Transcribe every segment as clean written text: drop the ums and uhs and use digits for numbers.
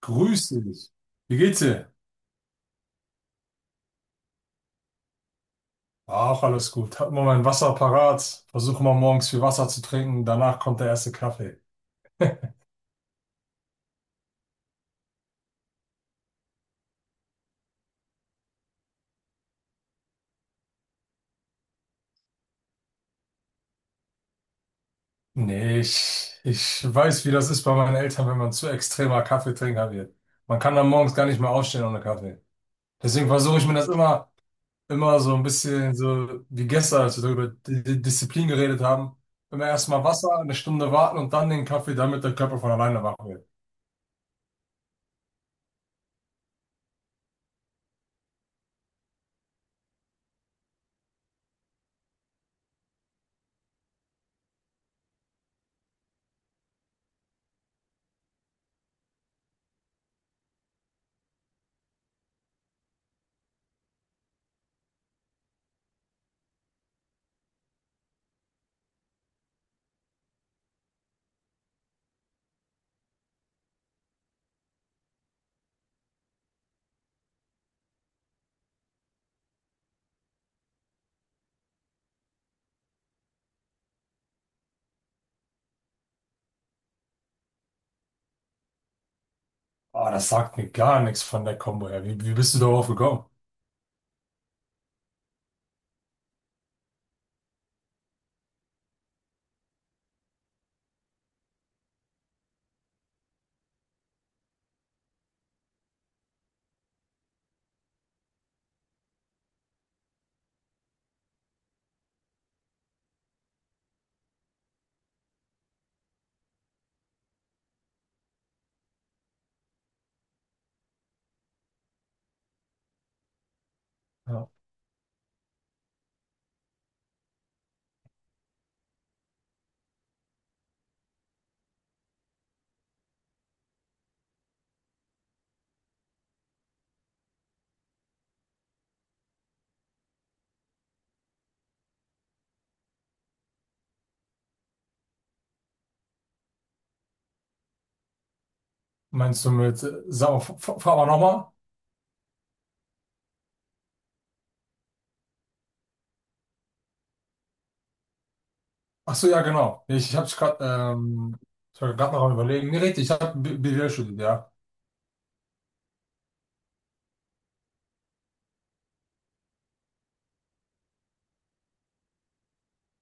Grüß dich. Wie geht's dir? Ach, alles gut. Hab mal mein Wasser parat. Versuche mal morgens viel Wasser zu trinken. Danach kommt der erste Kaffee. Nee, ich weiß, wie das ist bei meinen Eltern, wenn man zu extremer Kaffeetrinker wird. Man kann dann morgens gar nicht mehr aufstehen ohne Kaffee. Deswegen versuche ich mir das immer, immer so ein bisschen so wie gestern, als wir darüber Disziplin geredet haben. Immer erstmal Wasser, eine Stunde warten und dann den Kaffee, damit der Körper von alleine wach wird. Ah, das sagt mir gar nichts von der Kombo her. Wie bist du darauf gekommen? Ja. Meinst du mit, sag mal, fahr mal nochmal? Ach so, ja, genau. Nee, ich habe gerade ich war gerade noch am Überlegen. Nee, richtig, ich habe BWL studiert, ja.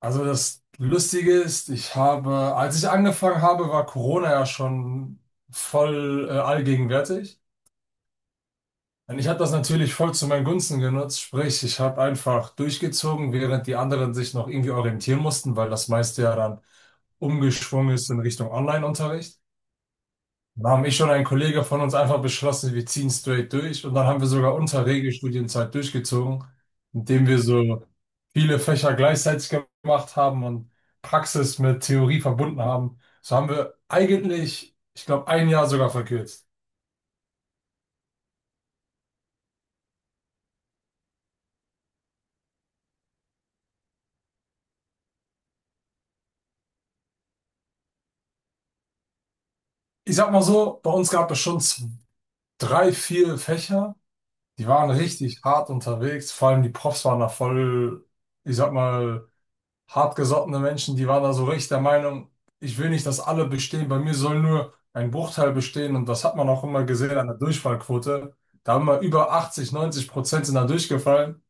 Also das Lustige ist, ich habe, als ich angefangen habe, war Corona ja schon voll allgegenwärtig. Und ich habe das natürlich voll zu meinen Gunsten genutzt. Sprich, ich habe einfach durchgezogen, während die anderen sich noch irgendwie orientieren mussten, weil das meiste ja dann umgeschwungen ist in Richtung Online-Unterricht. Da haben ich und ein Kollege von uns einfach beschlossen, wir ziehen straight durch. Und dann haben wir sogar unsere Regelstudienzeit durchgezogen, indem wir so viele Fächer gleichzeitig gemacht haben und Praxis mit Theorie verbunden haben. So haben wir eigentlich, ich glaube, ein Jahr sogar verkürzt. Ich sag mal so, bei uns gab es schon drei, vier Fächer, die waren richtig hart unterwegs. Vor allem die Profs waren da voll, ich sag mal, hartgesottene Menschen, die waren da so richtig der Meinung, ich will nicht, dass alle bestehen, bei mir soll nur ein Bruchteil bestehen, und das hat man auch immer gesehen an der Durchfallquote. Da haben wir über 80, 90% sind da durchgefallen.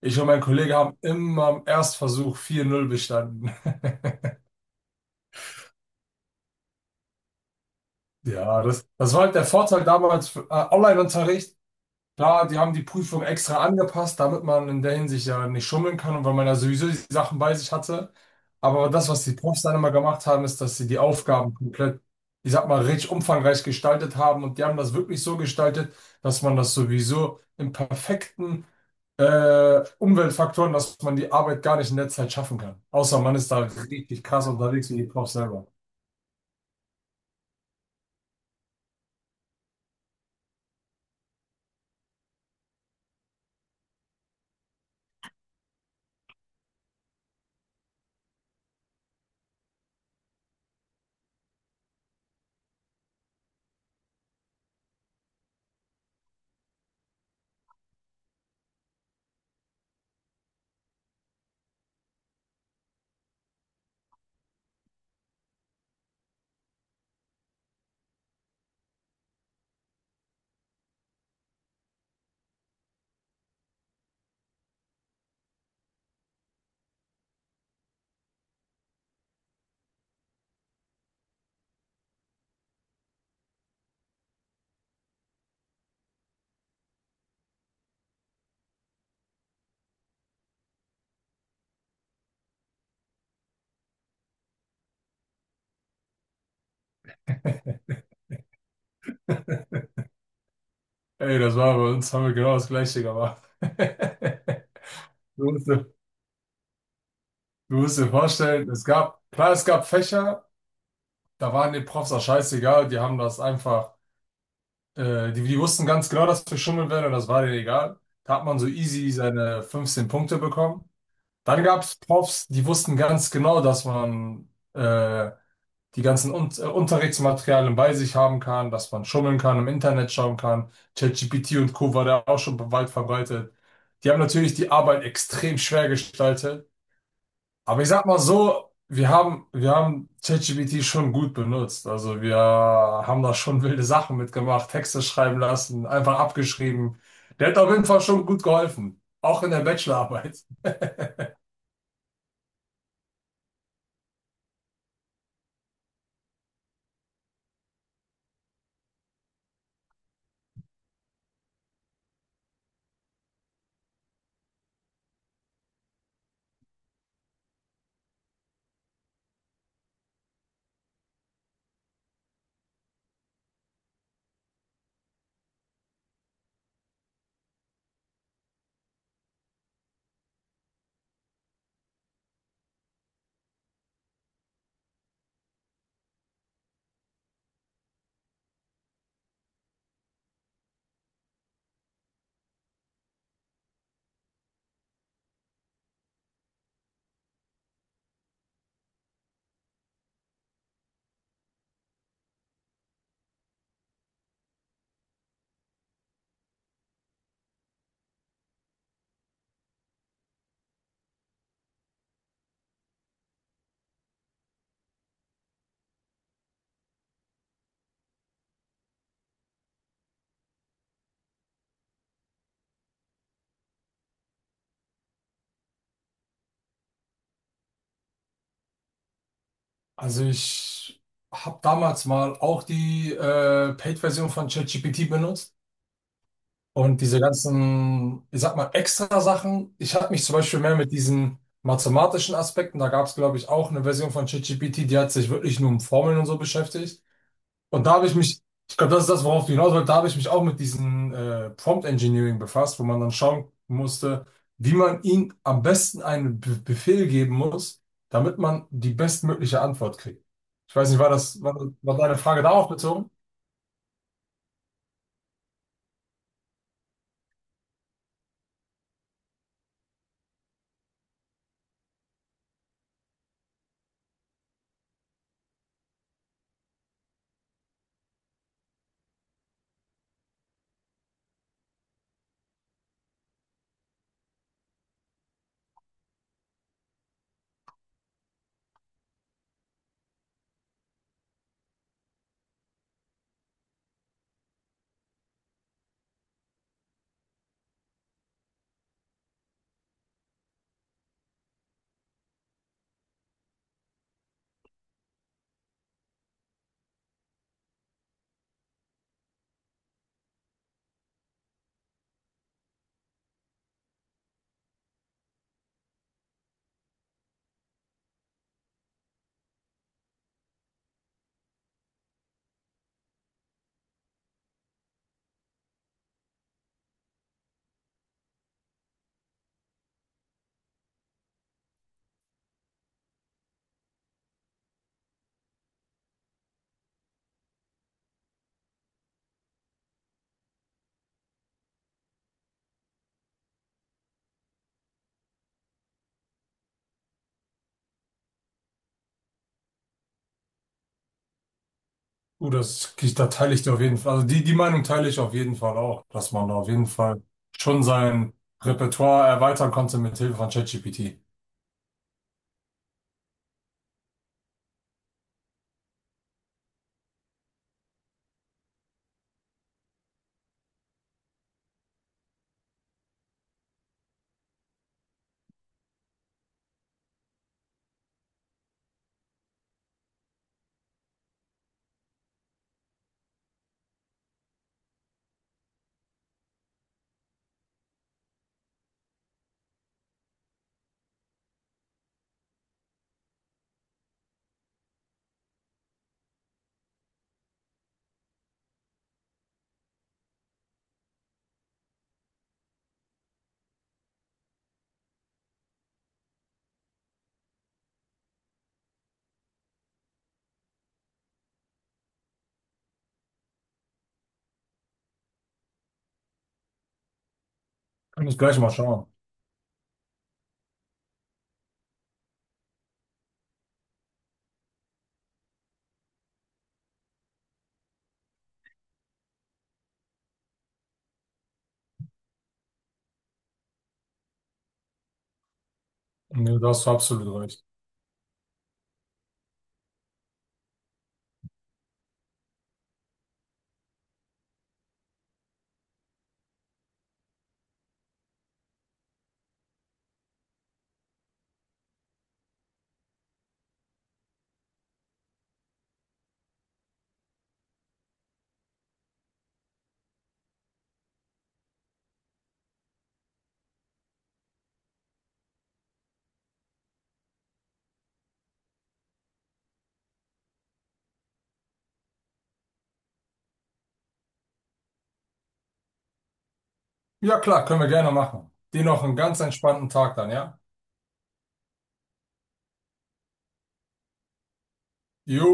Ich und mein Kollege haben immer am Erstversuch 4-0 bestanden. Ja, das, das war halt der Vorteil damals für Online-Unterricht. Klar, die haben die Prüfung extra angepasst, damit man in der Hinsicht ja nicht schummeln kann und weil man ja sowieso die Sachen bei sich hatte. Aber das, was die Profs dann immer gemacht haben, ist, dass sie die Aufgaben komplett, ich sag mal, richtig umfangreich gestaltet haben, und die haben das wirklich so gestaltet, dass man das sowieso im perfekten Umweltfaktoren, dass man die Arbeit gar nicht in der Zeit schaffen kann. Außer man ist da richtig krass unterwegs wie die Profs selber. Ey, das war bei uns, haben wir genau das Gleiche gemacht. So ist. Du musst dir vorstellen, es gab, klar, es gab Fächer, da waren die Profs auch scheißegal, die haben das einfach, die, die wussten ganz genau, dass wir schummeln werden, und das war denen egal. Da hat man so easy seine 15 Punkte bekommen. Dann gab es Profs, die wussten ganz genau, dass man äh, die ganzen Un Unterrichtsmaterialien bei sich haben kann, dass man schummeln kann, im Internet schauen kann. ChatGPT und Co. war da auch schon weit verbreitet. Die haben natürlich die Arbeit extrem schwer gestaltet. Aber ich sag mal so, wir haben ChatGPT schon gut benutzt. Also wir haben da schon wilde Sachen mitgemacht, Texte schreiben lassen, einfach abgeschrieben. Der hat auf jeden Fall schon gut geholfen. Auch in der Bachelorarbeit. Also ich habe damals mal auch die Paid-Version von ChatGPT benutzt. Und diese ganzen, ich sag mal, extra Sachen. Ich habe mich zum Beispiel mehr mit diesen mathematischen Aspekten, da gab es, glaube ich, auch eine Version von ChatGPT, die hat sich wirklich nur um Formeln und so beschäftigt. Und da habe ich mich, ich glaube, das ist das, worauf du hinaus wolltest, da habe ich mich auch mit diesem Prompt Engineering befasst, wo man dann schauen musste, wie man ihm am besten einen Be Befehl geben muss, damit man die bestmögliche Antwort kriegt. Ich weiß nicht, war das, war, war deine Frage darauf bezogen? Das, da teile ich dir auf jeden Fall, also die, die Meinung teile ich auf jeden Fall auch, dass man da auf jeden Fall schon sein Repertoire erweitern konnte mit Hilfe von ChatGPT. Kann ich gleich mal schauen. Nee, da hast du absolut recht. Ja, klar, können wir gerne machen. Dir noch einen ganz entspannten Tag dann, ja? Jo.